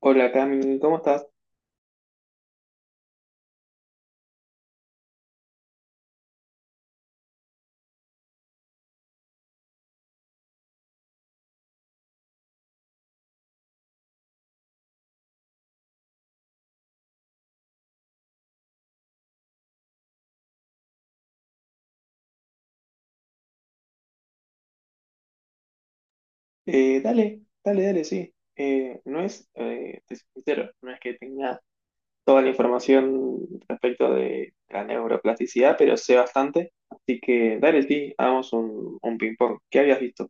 Hola Cami, ¿cómo estás? Dale, sí. No es, te soy sincero, no es que tenga toda la información respecto de la neuroplasticidad, pero sé bastante. Así que dale, sí, hagamos un ping-pong. ¿Qué habías visto?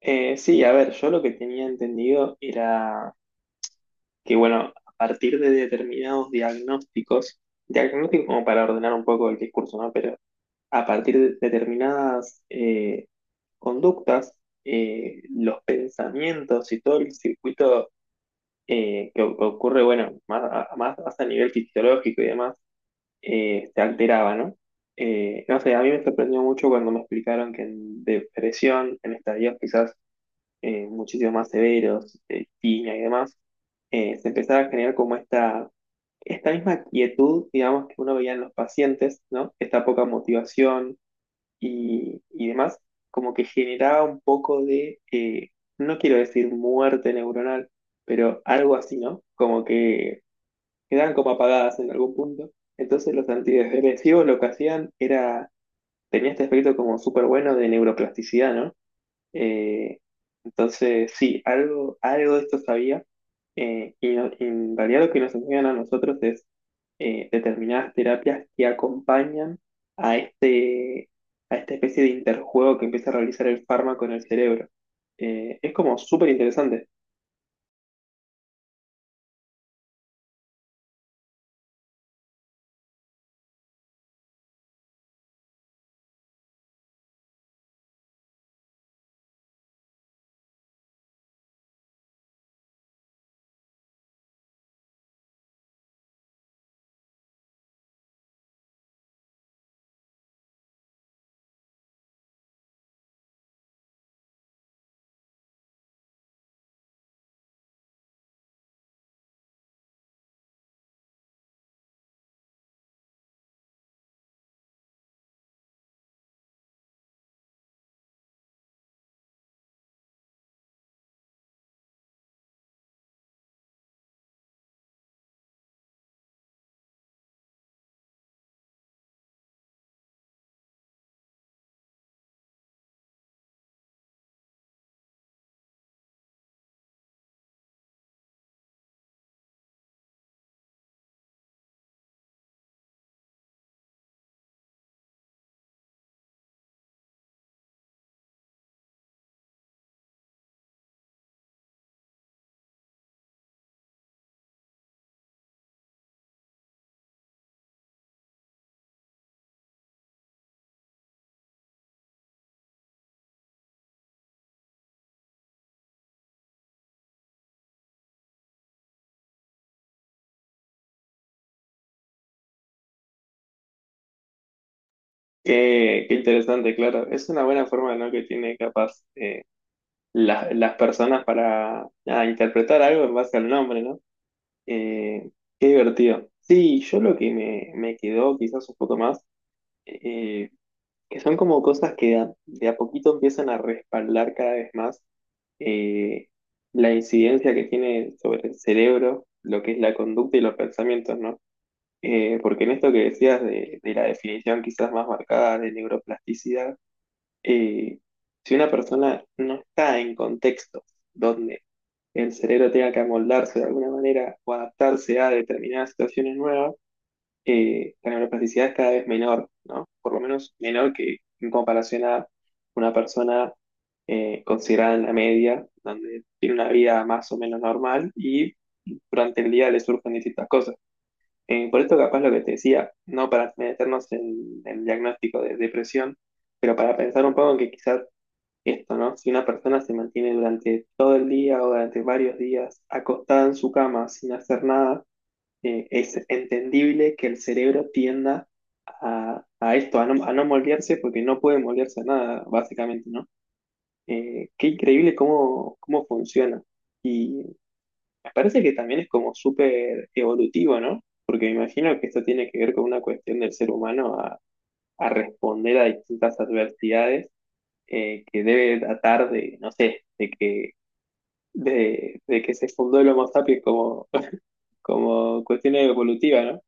Sí, a ver, yo lo que tenía entendido era que, bueno, a partir de determinados diagnósticos, diagnósticos como para ordenar un poco el discurso, ¿no? Pero a partir de determinadas, conductas, los pensamientos y todo el circuito que ocurre, bueno, más hasta a nivel fisiológico y demás, se alteraba, ¿no? No sé, a mí me sorprendió mucho cuando me explicaron que en depresión, en estadios quizás muchísimo más severos, tiña y demás, se empezaba a generar como esta misma quietud, digamos, que uno veía en los pacientes, ¿no? Esta poca motivación y demás, como que generaba un poco de, no quiero decir muerte neuronal, pero algo así, ¿no? Como que quedaban como apagadas en algún punto. Entonces los antidepresivos lo que hacían era, tenía este aspecto como súper bueno de neuroplasticidad, ¿no? Eh, entonces, sí, algo, algo de esto sabía. Y no- Y en realidad lo que nos enseñan a nosotros es determinadas terapias que acompañan a este, a esta especie de interjuego que empieza a realizar el fármaco en el cerebro. Es como súper interesante. Qué, qué interesante, claro. Es una buena forma, ¿no? que tiene capaz las personas para nada, interpretar algo en base al nombre, ¿no? Eh, Qué divertido. Sí, yo lo que me quedó quizás un poco más, eh, que son como cosas que de a poquito empiezan a respaldar cada vez más eh, la incidencia que tiene sobre el cerebro, lo que es la conducta y los pensamientos, ¿no? Porque en esto que decías de la definición quizás más marcada de neuroplasticidad, eh, si una persona no está en contextos donde el cerebro tenga que amoldarse de alguna manera o adaptarse a determinadas situaciones nuevas, la neuroplasticidad es cada vez menor, ¿no? Por lo menos menor que en comparación a una persona considerada en la media, donde tiene una vida más o menos normal y durante el día le surgen distintas cosas. Por esto capaz lo que te decía, no para meternos en el diagnóstico de depresión, pero para pensar un poco en que quizás esto, ¿no? Si una persona se mantiene durante todo el día o durante varios días acostada en su cama sin hacer nada, es entendible que el cerebro tienda a esto, a no moldearse porque no puede moldearse a nada, básicamente, ¿no? Qué increíble cómo, cómo funciona. Y me parece que también es como súper evolutivo, ¿no? Porque me imagino que esto tiene que ver con una cuestión del ser humano a responder a distintas adversidades que debe datar de, no sé, de que se fundó el Homo sapiens como, como cuestión evolutiva, ¿no?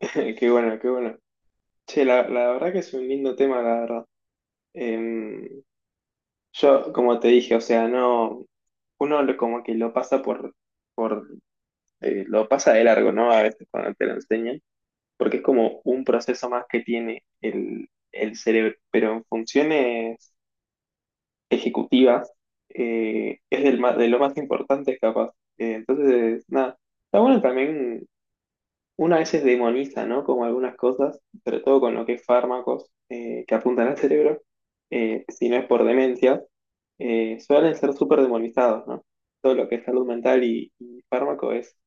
Qué bueno, qué bueno. Che, la verdad que es un lindo tema, la verdad. Em, yo, como te dije, o sea, no, como que lo pasa por, por lo pasa de largo, ¿no? A veces cuando te lo enseñan, porque es como un proceso más que tiene el cerebro, pero en funciones ejecutivas, es de lo más importante capaz. Entonces, nada, está bueno también, una vez veces demoniza, ¿no? Como algunas cosas, sobre todo con lo que es fármacos que apuntan al cerebro, si no es por demencia, suelen ser súper demonizados, ¿no? Todo lo que es salud mental y fármaco es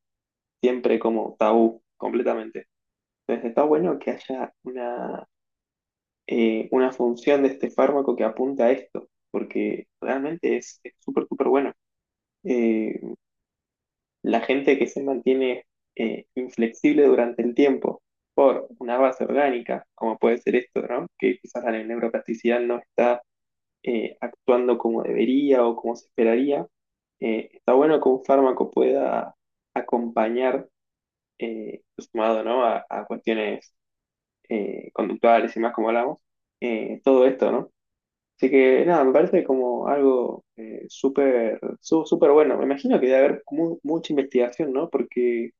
siempre como tabú, completamente. Entonces, está bueno que haya una función de este fármaco que apunta a esto, porque realmente es súper, súper bueno. Eh, la gente que se mantiene inflexible durante el tiempo por una base orgánica, como puede ser esto, ¿no? que quizás la neuroplasticidad no está actuando como debería o como se esperaría, está bueno que un fármaco pueda acompañar, sumado ¿no? A cuestiones conductuales y más como hablamos, todo esto, ¿no? Así que nada, me parece como algo súper súper bueno. Me imagino que debe haber mucha investigación, ¿no? Porque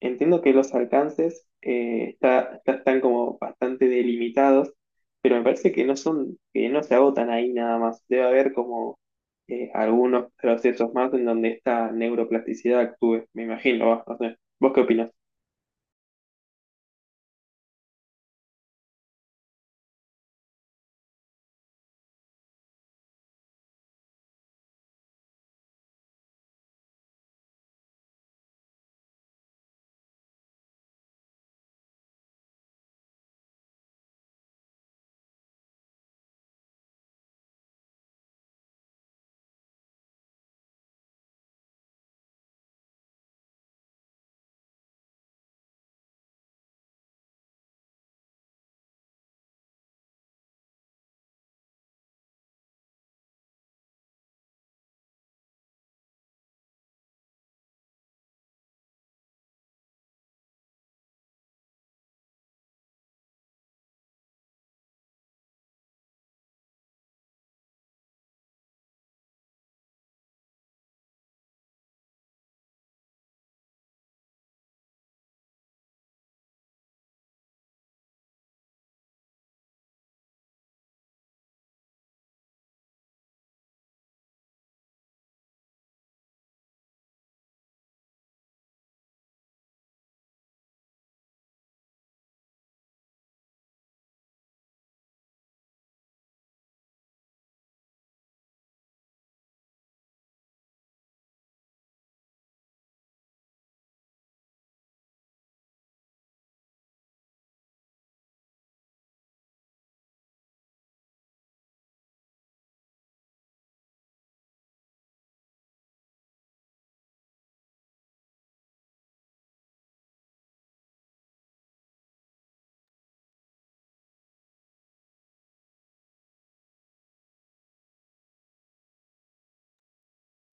entiendo que los alcances eh, están como bastante delimitados, pero me parece que no son, que no se agotan ahí nada más. Debe haber como algunos procesos más en donde esta neuroplasticidad actúe. Me imagino, va, no sé. ¿Vos qué opinas?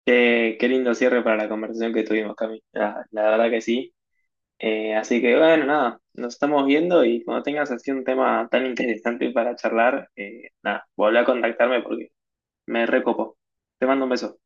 Qué lindo cierre para la conversación que tuvimos, Cami. La verdad que sí. Así que bueno, nada, nos estamos viendo y cuando tengas así un tema tan interesante para charlar, nada, volví a contactarme porque me recopo. Te mando un beso.